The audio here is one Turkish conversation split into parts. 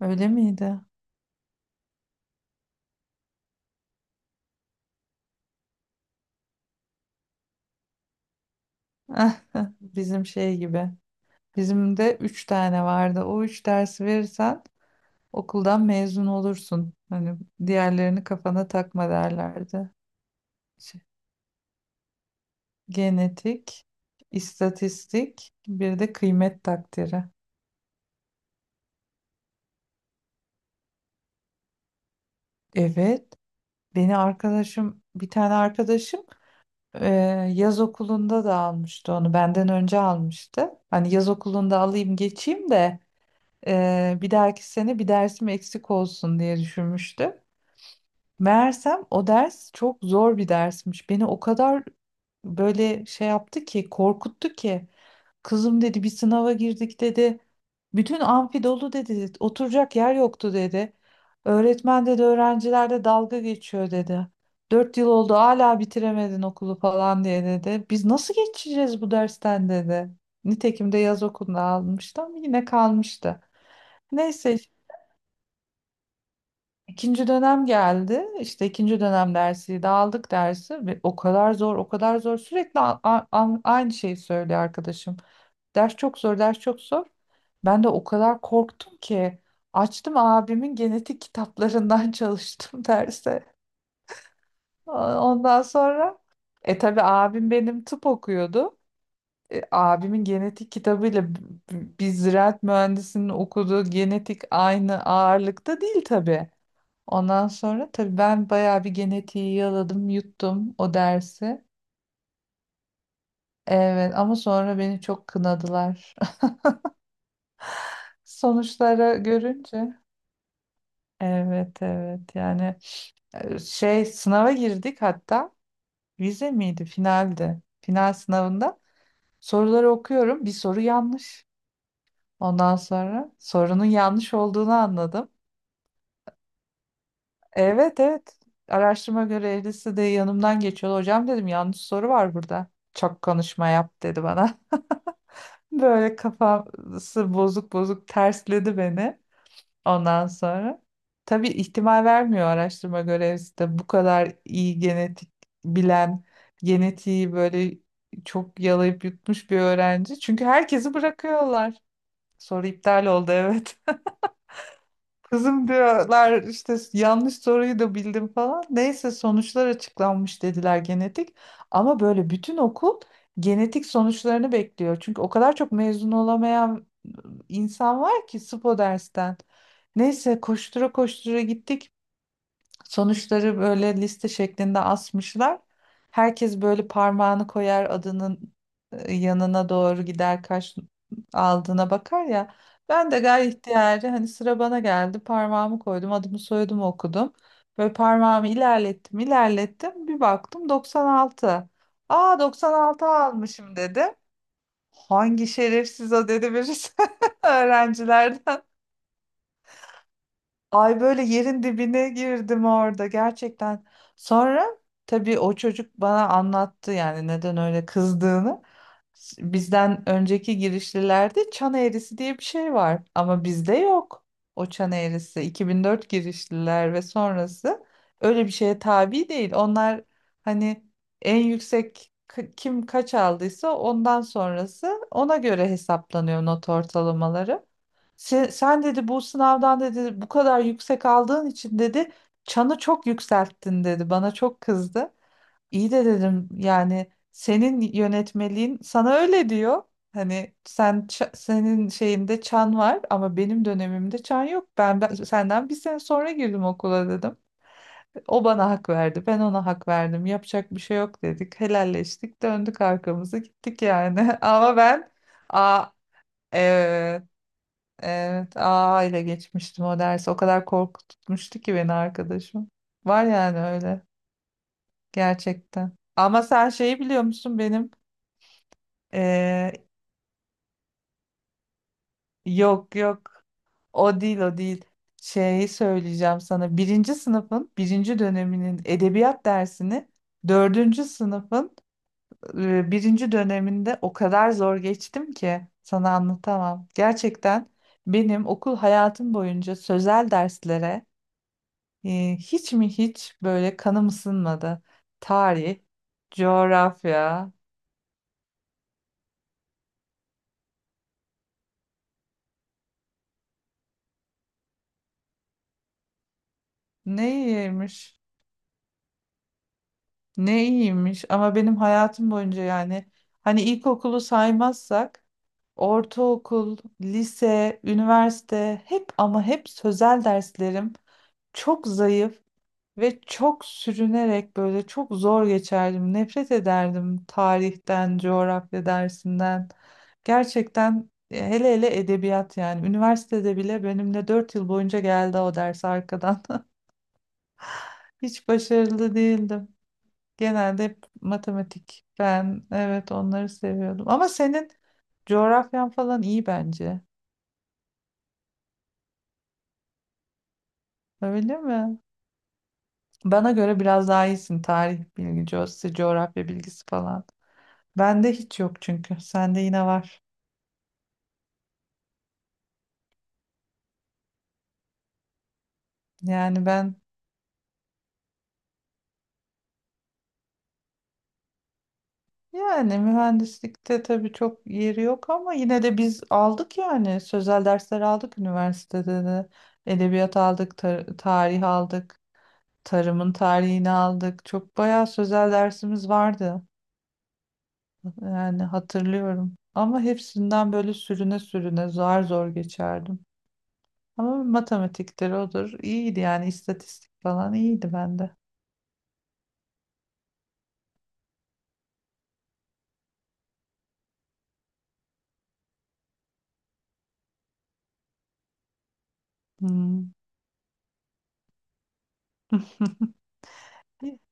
Öyle miydi? Bizim şey gibi. Bizim de üç tane vardı. O üç dersi verirsen okuldan mezun olursun. Hani diğerlerini kafana takma derlerdi. Şey, Genetik, istatistik, bir de kıymet takdiri. Evet. Beni arkadaşım, bir tane arkadaşım e, yaz okulunda da almıştı onu. Benden önce almıştı. Hani yaz okulunda alayım geçeyim de bir dahaki sene bir dersim eksik olsun diye düşünmüştüm. Meğersem o ders çok zor bir dersmiş. Beni o kadar böyle şey yaptı ki, korkuttu ki. Kızım dedi bir sınava girdik dedi. Bütün amfi dolu dedi. Oturacak yer yoktu dedi. Öğretmen dedi öğrencilerde dalga geçiyor dedi. 4 yıl oldu hala bitiremedin okulu falan diye dedi. Biz nasıl geçeceğiz bu dersten dedi. Nitekim de yaz okuluna almıştım yine kalmıştı. Neyse işte ikinci dönem geldi. İşte ikinci dönem dersi de aldık dersi. Ve o kadar zor, o kadar zor. Sürekli aynı şeyi söylüyor arkadaşım. Ders çok zor, ders çok zor. Ben de o kadar korktum ki açtım abimin genetik kitaplarından çalıştım derse. Ondan sonra tabii abim benim tıp okuyordu. Abimin genetik kitabıyla biz ziraat mühendisinin okuduğu genetik aynı ağırlıkta değil tabii. Ondan sonra tabii ben bayağı bir genetiği yaladım, yuttum o dersi. Evet ama sonra beni çok kınadılar. Sonuçlara görünce. Evet, evet, yani sınava girdik hatta vize miydi finaldi. Final sınavında soruları okuyorum bir soru yanlış. Ondan sonra sorunun yanlış olduğunu anladım. Evet, evet, araştırma görevlisi de yanımdan geçiyordu. Hocam dedim yanlış soru var burada. Çok konuşma yap dedi bana. Böyle kafası bozuk bozuk tersledi beni ondan sonra. Tabii ihtimal vermiyor araştırma görevlisi de bu kadar iyi genetik bilen, genetiği böyle çok yalayıp yutmuş bir öğrenci. Çünkü herkesi bırakıyorlar. Soru iptal oldu, evet. Kızım diyorlar işte yanlış soruyu da bildim falan. Neyse sonuçlar açıklanmış dediler genetik. Ama böyle bütün okul genetik sonuçlarını bekliyor. Çünkü o kadar çok mezun olamayan insan var ki SPO dersten. Neyse koştura koştura gittik. Sonuçları böyle liste şeklinde asmışlar. Herkes böyle parmağını koyar adının yanına doğru gider kaç aldığına bakar ya. Ben de gayet ihtiyari hani sıra bana geldi parmağımı koydum adımı soyadımı okudum. Böyle parmağımı ilerlettim ilerlettim bir baktım 96. Aa 96 almışım dedi. Hangi şerefsiz o dedi birisi öğrencilerden. Ay böyle yerin dibine girdim orada gerçekten. Sonra tabii o çocuk bana anlattı yani neden öyle kızdığını. Bizden önceki girişlilerde çan eğrisi diye bir şey var ama bizde yok o çan eğrisi. 2004 girişliler ve sonrası öyle bir şeye tabi değil. Onlar hani en yüksek kim kaç aldıysa ondan sonrası ona göre hesaplanıyor not ortalamaları. Sen dedi bu sınavdan dedi bu kadar yüksek aldığın için dedi çanı çok yükselttin dedi. Bana çok kızdı. İyi de dedim yani senin yönetmeliğin sana öyle diyor. Hani sen senin şeyinde çan var ama benim dönemimde çan yok. Ben senden bir sene sonra girdim okula dedim. O bana hak verdi. Ben ona hak verdim. Yapacak bir şey yok dedik. Helalleştik. Döndük arkamızı gittik yani. Ama ben a, e, evet, A ile geçmiştim o dersi. O kadar korkutmuştu ki beni arkadaşım. Var yani öyle gerçekten. Ama sen şeyi biliyor musun benim? Ee, yok, yok. O değil, o değil. Şeyi söyleyeceğim sana. Birinci sınıfın birinci döneminin edebiyat dersini dördüncü sınıfın birinci döneminde o kadar zor geçtim ki sana anlatamam. Gerçekten benim okul hayatım boyunca sözel derslere hiç mi hiç böyle kanım ısınmadı. Tarih, coğrafya ne iyiymiş, ne iyiymiş ama benim hayatım boyunca yani hani ilkokulu saymazsak ortaokul, lise, üniversite hep ama hep sözel derslerim çok zayıf. Ve çok sürünerek böyle çok zor geçerdim. Nefret ederdim tarihten, coğrafya dersinden. Gerçekten hele hele edebiyat yani. Üniversitede bile benimle 4 yıl boyunca geldi o ders arkadan. Hiç başarılı değildim. Genelde hep matematik, ben evet onları seviyordum. Ama senin coğrafyan falan iyi bence. Öyle mi? Bana göre biraz daha iyisin tarih bilgisi, coğrafya bilgisi falan. Bende hiç yok çünkü. Sende yine var. Yani ben yani mühendislikte tabii çok yeri yok ama yine de biz aldık yani sözel dersler aldık üniversitede de. Edebiyat aldık, tarih aldık, tarımın tarihini aldık. Çok bayağı sözel dersimiz vardı. Yani hatırlıyorum. Ama hepsinden böyle sürüne sürüne zor zor geçerdim. Ama matematikleri odur. İyiydi yani istatistik falan iyiydi bende. Hmm.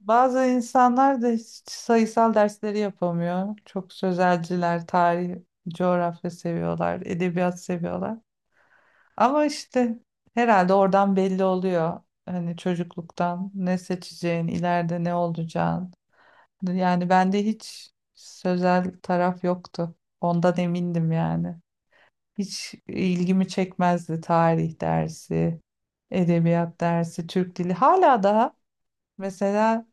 Bazı insanlar da hiç sayısal dersleri yapamıyor. Çok sözelciler, tarih, coğrafya seviyorlar, edebiyat seviyorlar. Ama işte herhalde oradan belli oluyor. Hani çocukluktan ne seçeceğin, ileride ne olacağın. Yani bende hiç sözel taraf yoktu. Ondan emindim yani. Hiç ilgimi çekmezdi tarih dersi, edebiyat dersi, Türk dili. Hala daha mesela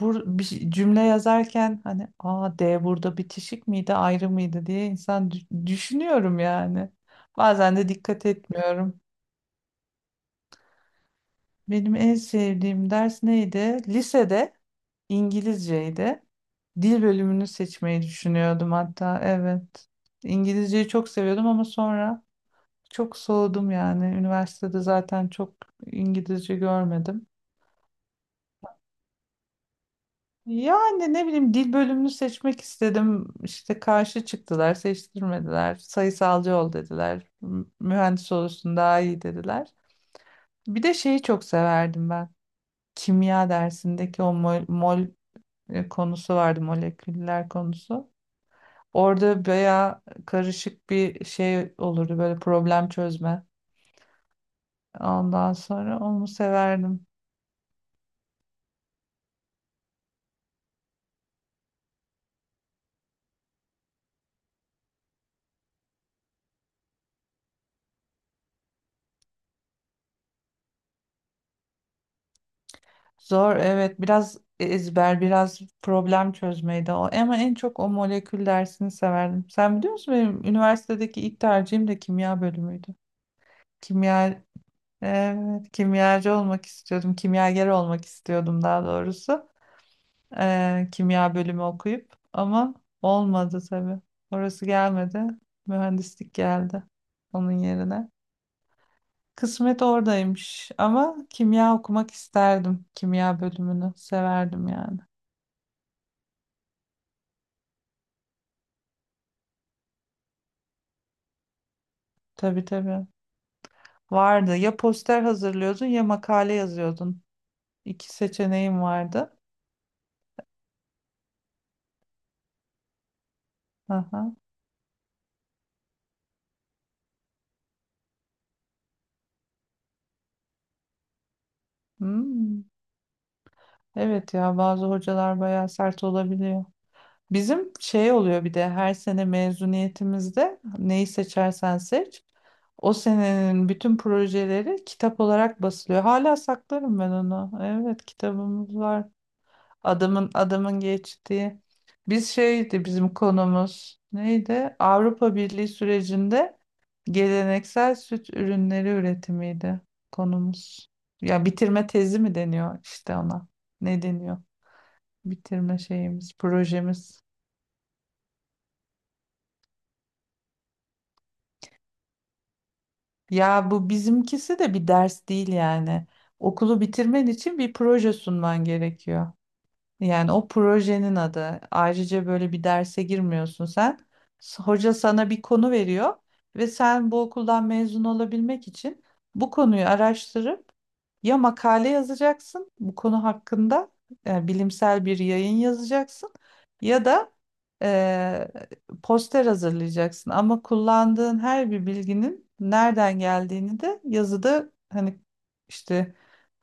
bir şey- cümle yazarken hani a D burada bitişik miydi ayrı mıydı diye insan düşünüyorum yani. Bazen de dikkat etmiyorum. Benim en sevdiğim ders neydi? Lisede İngilizceydi. Dil bölümünü seçmeyi düşünüyordum hatta evet. İngilizceyi çok seviyordum ama sonra çok soğudum yani. Üniversitede zaten çok İngilizce görmedim. Yani ne bileyim dil bölümünü seçmek istedim. İşte karşı çıktılar, seçtirmediler. Sayısalcı ol dediler. Mühendis olursun daha iyi dediler. Bir de şeyi çok severdim ben. Kimya dersindeki o mol, mol konusu vardı, moleküller konusu. Orada bayağı karışık bir şey olurdu böyle problem çözme. Ondan sonra onu severdim. Zor, evet, biraz ezber biraz problem çözmeydi o ama en çok o molekül dersini severdim. Sen biliyor musun benim üniversitedeki ilk tercihim de kimya bölümüydü. Kimya, evet, kimyacı olmak istiyordum. Kimyager olmak istiyordum daha doğrusu. Kimya bölümü okuyup ama olmadı tabii. Orası gelmedi. Mühendislik geldi onun yerine. Kısmet oradaymış ama kimya okumak isterdim. Kimya bölümünü severdim yani. Tabii, tabii. Vardı. Ya poster hazırlıyordun ya makale yazıyordun. İki seçeneğin vardı. Aha. Hmm. Evet, ya bazı hocalar bayağı sert olabiliyor. Bizim şey oluyor bir de her sene mezuniyetimizde neyi seçersen seç. O senenin bütün projeleri kitap olarak basılıyor. Hala saklarım ben onu. Evet, kitabımız var. Adamın geçtiği. Biz şeydi bizim konumuz. Neydi? Avrupa Birliği sürecinde geleneksel süt ürünleri üretimiydi konumuz. Ya bitirme tezi mi deniyor işte ona? Ne deniyor? Bitirme şeyimiz, projemiz. Ya bu bizimkisi de bir ders değil yani. Okulu bitirmen için bir proje sunman gerekiyor. Yani o projenin adı. Ayrıca böyle bir derse girmiyorsun sen. Hoca sana bir konu veriyor ve sen bu okuldan mezun olabilmek için bu konuyu araştırıp ya makale yazacaksın bu konu hakkında yani bilimsel bir yayın yazacaksın ya da eee, poster hazırlayacaksın. Ama kullandığın her bir bilginin nereden geldiğini de yazıda hani işte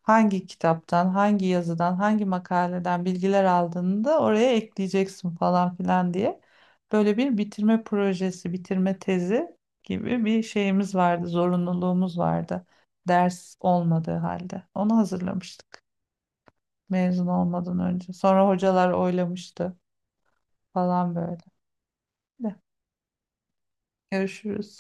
hangi kitaptan, hangi yazıdan, hangi makaleden bilgiler aldığını da oraya ekleyeceksin falan filan diye. Böyle bir bitirme projesi, bitirme tezi gibi bir şeyimiz vardı, zorunluluğumuz vardı. Ders olmadığı halde. Onu hazırlamıştık mezun olmadan önce. Sonra hocalar oylamıştı falan böyle. De, Görüşürüz.